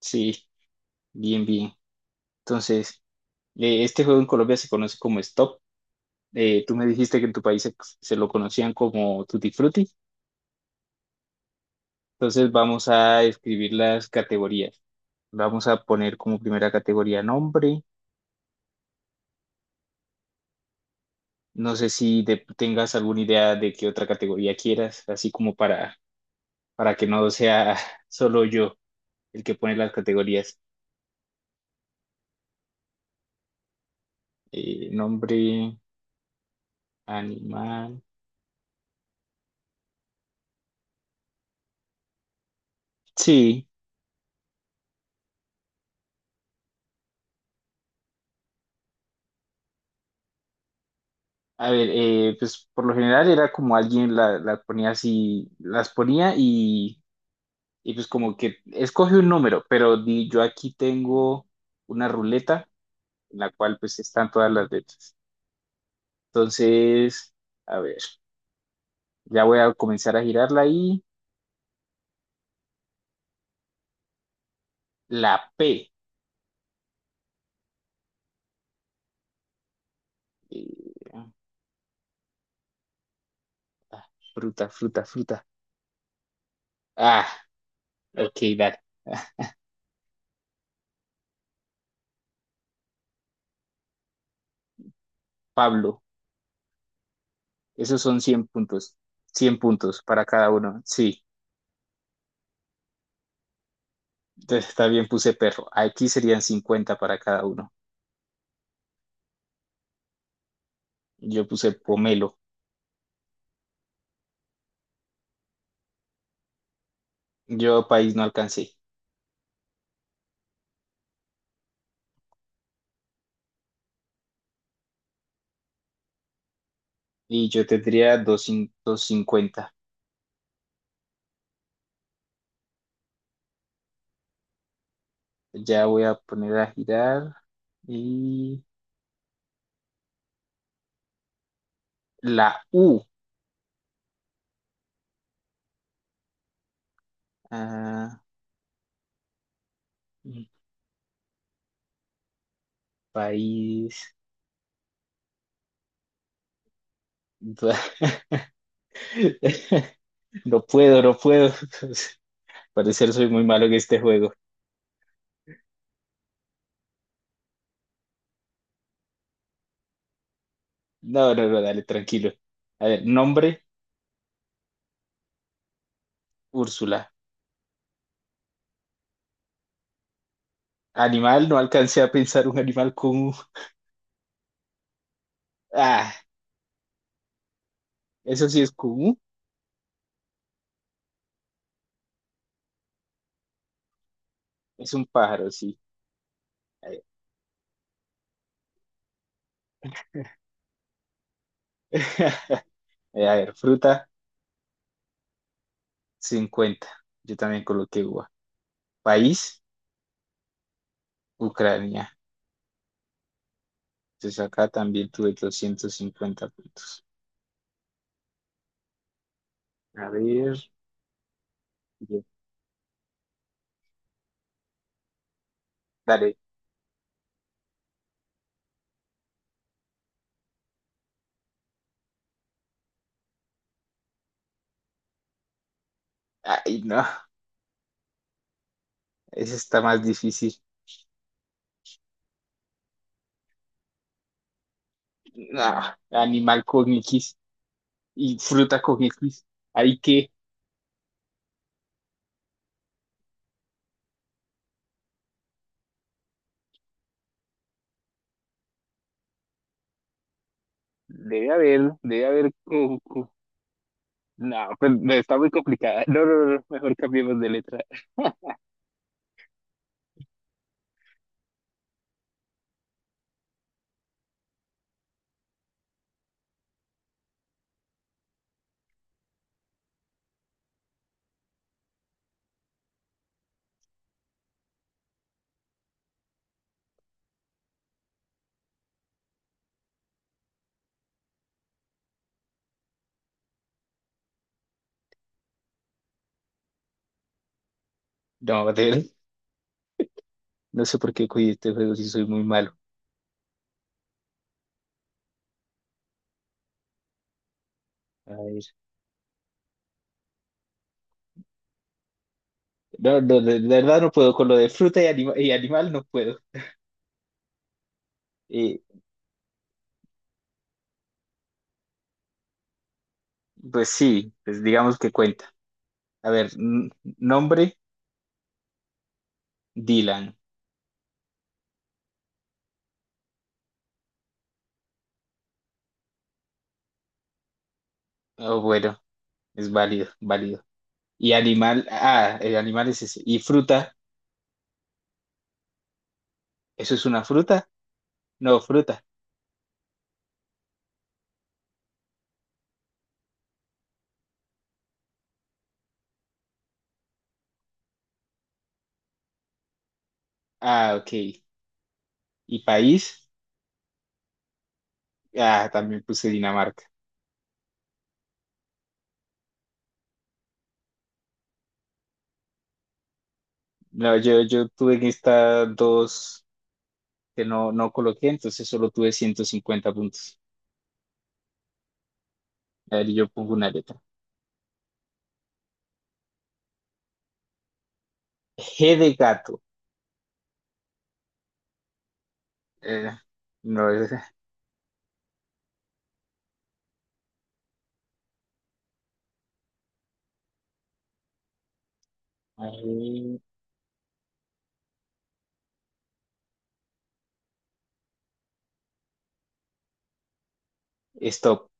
Sí, bien, bien. Entonces, este juego en Colombia se conoce como Stop. Tú me dijiste que en tu país se lo conocían como Tutti Frutti. Entonces, vamos a escribir las categorías. Vamos a poner como primera categoría nombre. No sé si tengas alguna idea de qué otra categoría quieras, así como para que no sea solo yo el que pone las categorías. Nombre, animal. Sí. A ver, pues por lo general era como alguien la ponía así, las ponía y pues como que escoge un número, pero yo aquí tengo una ruleta en la cual pues están todas las letras. Entonces, a ver, ya voy a comenzar a girarla y la P. Eh, ah, fruta, fruta, fruta. Ah, ok, dale. Pablo, esos son 100 puntos. 100 puntos para cada uno, sí. Entonces, está bien, puse perro. Aquí serían 50 para cada uno. Yo puse pomelo. Yo país no alcancé. Y yo tendría 250. Ya voy a poner a girar. Y la U. Ah, país. No puedo, no puedo. Parecer soy muy malo en este juego. No, no, no, dale, tranquilo. A ver, nombre, Úrsula. Animal, no alcancé a pensar un animal con U. Ah, eso sí es con U. Es un pájaro, sí. A ver, a ver, fruta, 50. Yo también coloqué uva. País, Ucrania. Entonces acá también tuve 250 puntos. A ver, bien, dale. Ay, no, ese está más difícil. No, animal con X y fruta con X. Hay que, debe haber, debe haber. No, pues, no, está muy complicada. No, no, no, no, mejor cambiemos de letra. No, de él, no sé por qué cogí este juego si soy muy malo. A ver. No, no, de verdad no puedo. Con lo de fruta y animal no puedo. Eh, pues sí, pues digamos que cuenta. A ver, nombre, Dylan. Oh, bueno, es válido, válido. Y animal, ah, el animal es ese. Y fruta, ¿eso es una fruta? No, fruta. Ah, ok. Y país, ah, también puse Dinamarca. No, yo tuve en estas dos que no coloqué, entonces solo tuve 150 puntos. A ver, yo pongo una letra. G de gato. Eh, no es. Ahí, stop.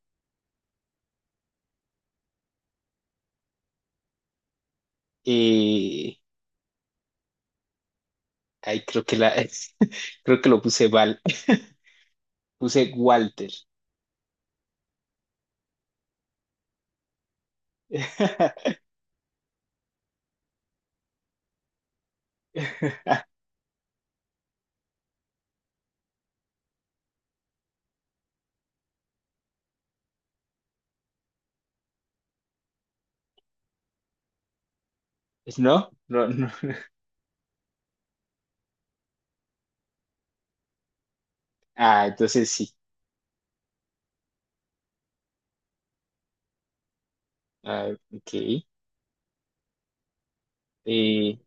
Y. Ahí creo que la. Creo que lo puse Val. Puse Walter. ¿No? No, no. Ah, entonces sí. Ah, ok. Eh,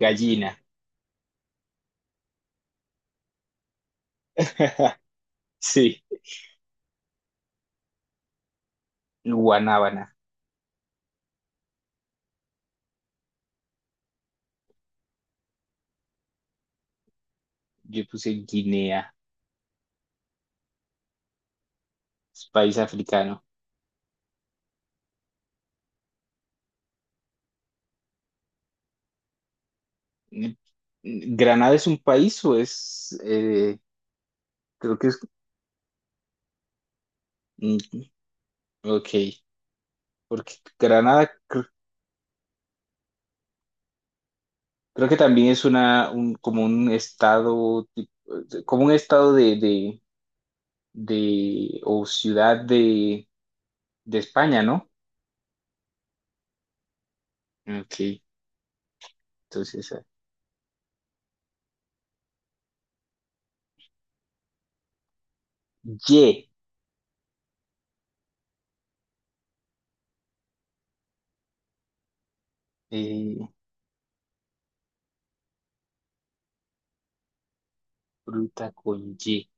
gallina. Sí. Guanábana. Yo puse Guinea. Es país africano. Mm, ¿Granada es un país o es? Creo que es. Mm, ok. Porque Granada. Creo que también es un, como un estado, como un estado o ciudad de España, ¿no? Ok, entonces, Y, eh, fruta con Y.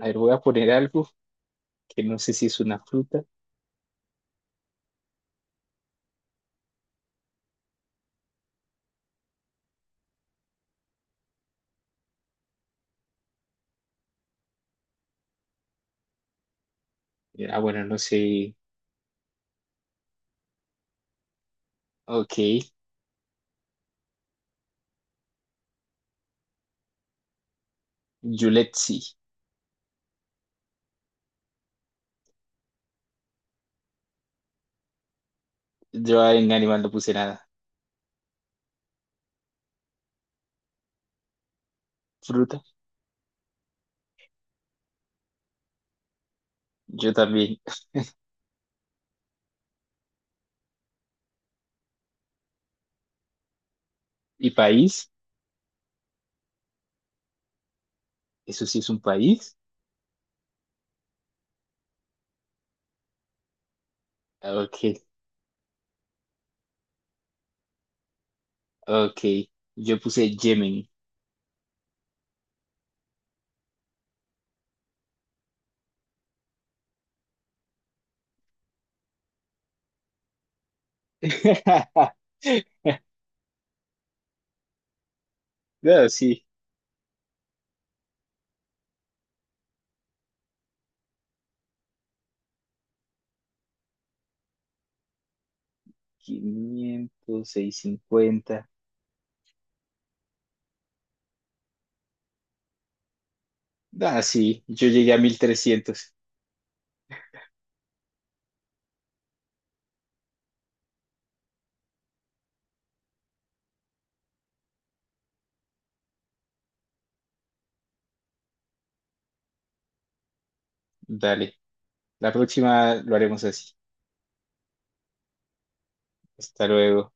A ver, voy a poner algo que no sé si es una fruta. Bueno, no sé. Ok, Yuletsi. Yo en animal no puse nada. Fruta, yo también. ¿Y país? Eso sí es un país. Ah, Ok, ok. Yo puse Yemen. Ah, sí, 500, 50. Ah, sí, yo llegué a 1.300. Dale, la próxima lo haremos así. Hasta luego.